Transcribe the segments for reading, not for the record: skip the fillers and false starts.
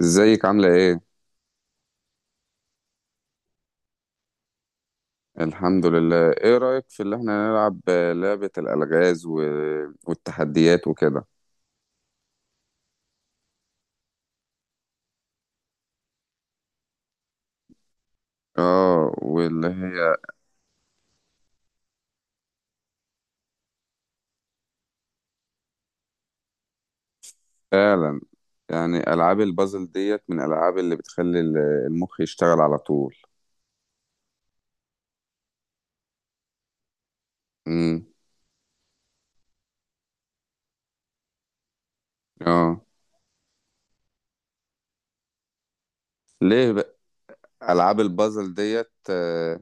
ازيك عاملة ايه؟ الحمد لله. ايه رأيك في اللي احنا نلعب لعبة الألغاز والتحديات وكده؟ اه واللي هي فعلا، يعني ألعاب البازل ديت من الألعاب اللي بتخلي المخ يشتغل على طول. امم. اه. ليه بقى؟ ألعاب البازل ديت،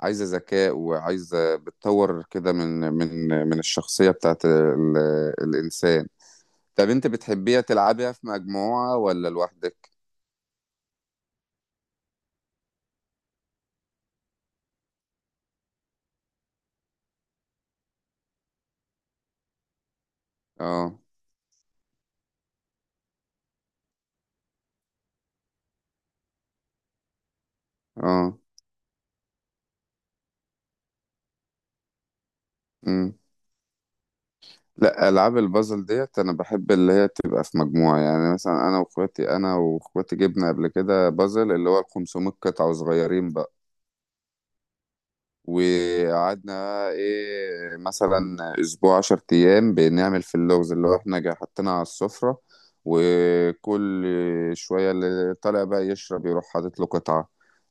عايزة ذكاء وعايزة بتطور كده من الشخصية بتاعت الإنسان. طب انت بتحبيها تلعبيها في مجموعة ولا لوحدك؟ اه اه. مم. لا، العاب البازل ديت انا بحب اللي هي تبقى في مجموعه. يعني مثلا انا واخواتي، جبنا قبل كده بازل اللي هو ال 500 قطعه وصغيرين بقى. وقعدنا ايه، مثلا اسبوع، 10 ايام، بنعمل في اللغز اللي هو احنا حاطينها على السفرة. وكل شوية اللي طالع بقى يشرب يروح حاطط له قطعة،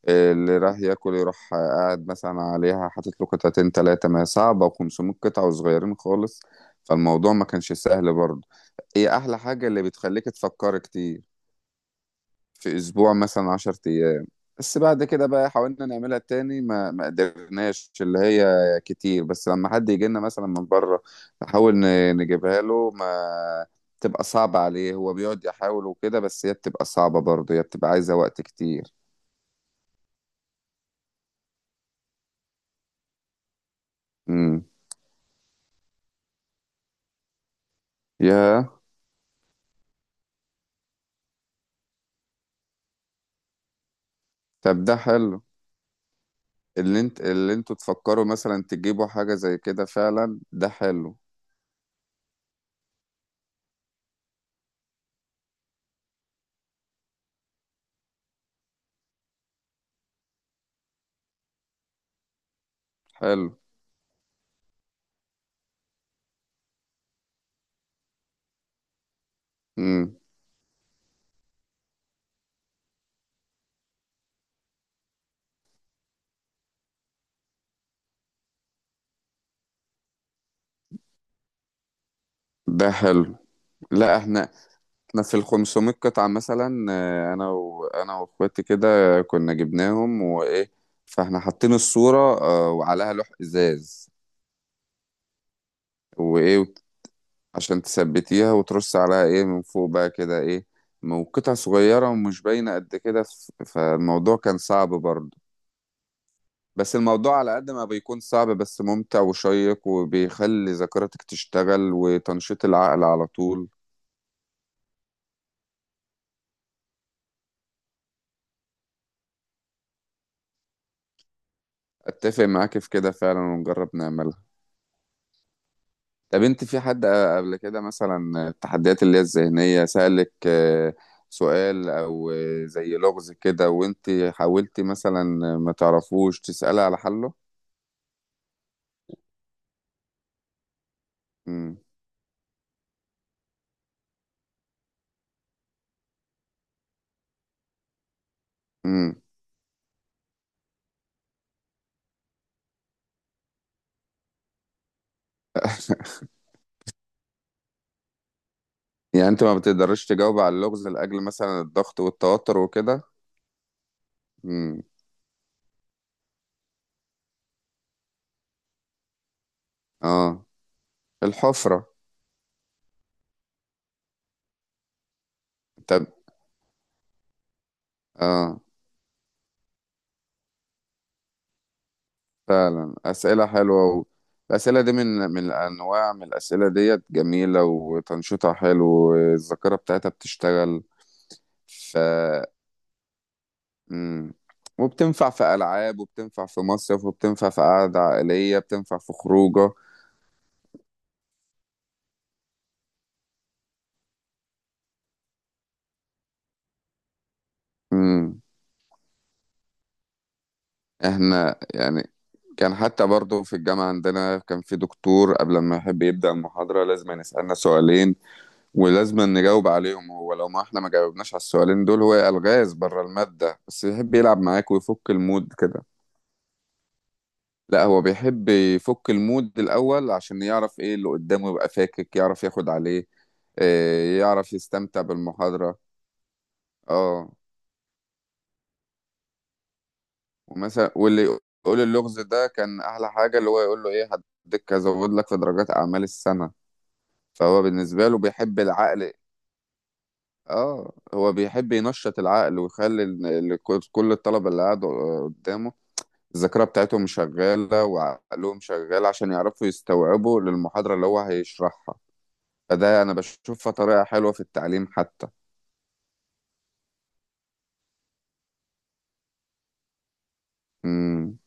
اللي راح ياكل يروح قاعد مثلا عليها حاطط له قطعتين تلاتة، ما هي صعبة، وخمسمية قطعة وصغيرين خالص. فالموضوع ما كانش سهل برضه. هي احلى حاجة اللي بتخليك تفكر كتير. في اسبوع مثلا 10 ايام. بس بعد كده بقى حاولنا نعملها تاني ما قدرناش، اللي هي كتير. بس لما حد يجي لنا مثلا من بره، نحاول نجيبها له، ما تبقى صعبة عليه. هو بيقعد يحاول وكده، بس هي بتبقى صعبة برضه، هي بتبقى عايزة وقت كتير. امم. يا. طب ده حلو، اللي انتوا تفكروا مثلا تجيبوا حاجة زي كده. فعلا ده حلو. حلو. امم. ده حلو. لا، احنا في ال 500 قطعة مثلا، انا واخواتي كده كنا جبناهم وايه. فاحنا حاطين الصورة، وعليها لوح ازاز. وايه وت- عشان تثبتيها، وترص عليها ايه من فوق بقى كده ايه. وقطع صغيرة ومش باينة قد كده، فالموضوع كان صعب برضه. بس الموضوع على قد ما بيكون صعب، بس ممتع وشيق، وبيخلي ذاكرتك تشتغل وتنشيط العقل على طول. اتفق معاك في كده فعلا، ونجرب نعملها. طب انت، في حد قبل كده مثلا التحديات اللي هي الذهنية، سألك سؤال او زي لغز كده، وانت حاولتي مثلا ما تعرفوش تسألي على حله؟ امم. امم. يعني انت ما بتقدرش تجاوب على اللغز لأجل مثلا الضغط والتوتر وكده؟ امم. اه. الحفرة. طب. اه. فعلا أسئلة حلوة الأسئلة دي، من من الأنواع من الأسئلة ديت جميلة وتنشيطها حلو، والذاكرة بتاعتها بتشتغل. مم. وبتنفع في ألعاب، وبتنفع في مصيف، وبتنفع في قعدة عائلية، بتنفع في خروجة. مم. احنا يعني كان، حتى برضو في الجامعة عندنا، كان في دكتور قبل ما يحب يبدأ المحاضرة لازم يسألنا سؤالين، ولازم نجاوب عليهم. هو لو ما احنا ما جاوبناش على السؤالين دول، هو ألغاز بره المادة، بس يحب يلعب معاك ويفك المود كده. لا هو بيحب يفك المود الأول عشان يعرف ايه اللي قدامه، يبقى فاكك يعرف ياخد عليه. يعرف يستمتع بالمحاضرة. اه. ومثلا واللي يقول اللغز ده كان احلى حاجه، اللي هو يقول له ايه، هديك ازود لك في درجات اعمال السنه. فهو بالنسبه له بيحب العقل. اه هو بيحب ينشط العقل، ويخلي كل الطلبه اللي قاعدوا قدامه الذاكره بتاعتهم شغاله وعقلهم شغال، عشان يعرفوا يستوعبوا للمحاضره اللي هو هيشرحها. فده انا بشوفها طريقه حلوه في التعليم حتى. امم.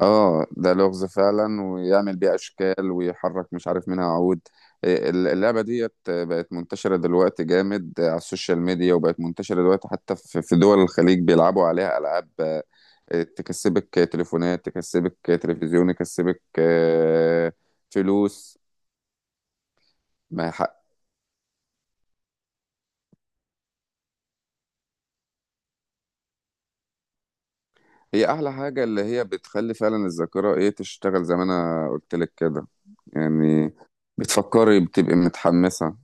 اه ده لغز فعلا، ويعمل بيه اشكال ويحرك مش عارف منها عود. إيه، اللعبه ديت بقت منتشره دلوقتي جامد على السوشيال ميديا، وبقت منتشره دلوقتي حتى في دول الخليج، بيلعبوا عليها العاب، تكسبك تليفونات، تكسبك تلفزيون، تكسبك فلوس. ما هي حق. هي احلى حاجه اللي هي بتخلي فعلا الذاكره ايه تشتغل، زي ما انا قلت لك كده يعني. بتفكري، بتبقي متحمسه.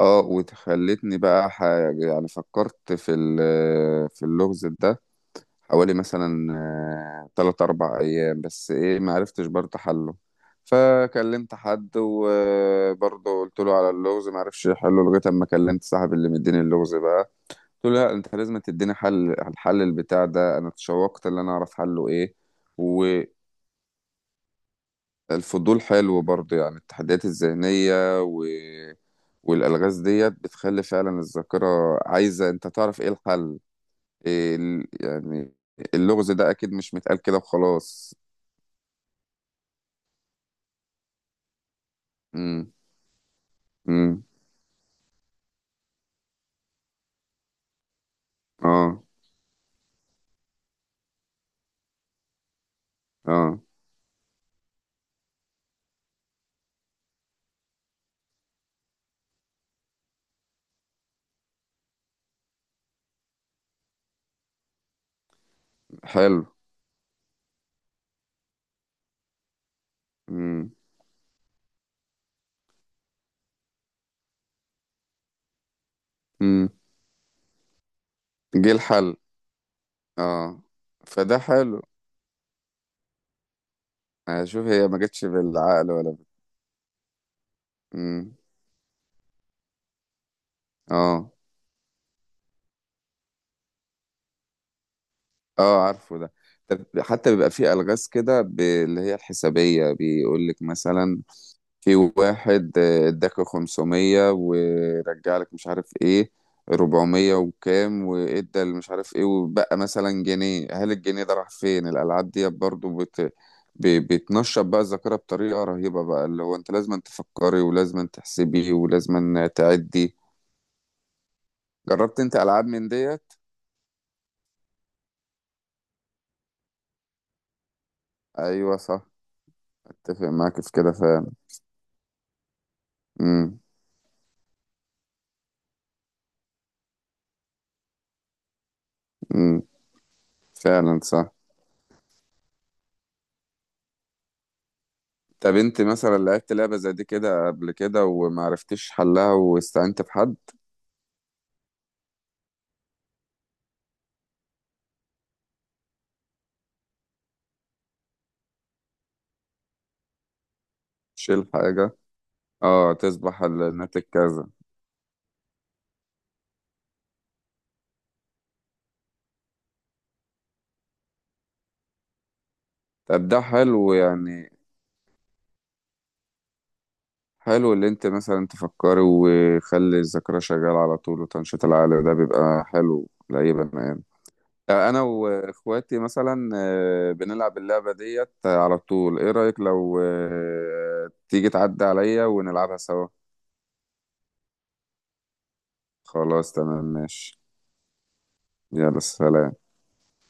اه، وتخلتني بقى حاجة يعني فكرت في في اللغز ده حوالي مثلا، 3 4 أيام، بس إيه معرفتش برضه حله. فكلمت حد وبرضه قلت له على اللغز، معرفش يحله، لغاية أما كلمت صاحب اللي مديني اللغز بقى، قلت له لا، أنت لازم تديني حل على الحل البتاع ده. أنا اتشوقت إن أنا أعرف حله إيه. والفضول حلو برضه. يعني التحديات الذهنية والالغاز ديت بتخلي فعلا الذاكره عايزه انت تعرف ايه الحل. يعني اللغز ده اكيد مش متقال كده وخلاص. امم امم. اه اه. حلو. امم امم. جه الحل. اه فده حلو. اشوف هي ما جتش بالعقل ولا امم. اه اه عارفه ده. طب حتى بيبقى فيه الغاز كده اللي هي الحسابيه، بيقول لك مثلا، في واحد اداك 500، ورجع لك مش عارف ايه 400 وكام، وادى اللي مش عارف ايه، وبقى مثلا جنيه، هل الجنيه ده راح فين؟ الالعاب دي برضو ب... بتنشط بقى الذاكره بطريقه رهيبه، بقى اللي هو انت لازم تفكري، ولازم تحسبي، ولازم تعدي. جربت انت العاب من ديت؟ ايوه صح. اتفق معاك في كده فعلا. امم امم. فعلا صح. طب انت مثلا لعبت لعبه زي دي كده قبل كده ومعرفتش حلها واستعنت بحد؟ تشيل حاجة. اه تصبح الناتج كذا. طب ده حلو يعني. حلو اللي انت مثلا تفكري، وخلي الذاكرة شغالة على طول، وتنشيط العقل ده بيبقى حلو لأي بني آدم. انا واخواتي مثلا بنلعب اللعبة ديت على طول. ايه رأيك لو تيجي تعدي عليا ونلعبها سوا؟ خلاص تمام ماشي. يلا سلام.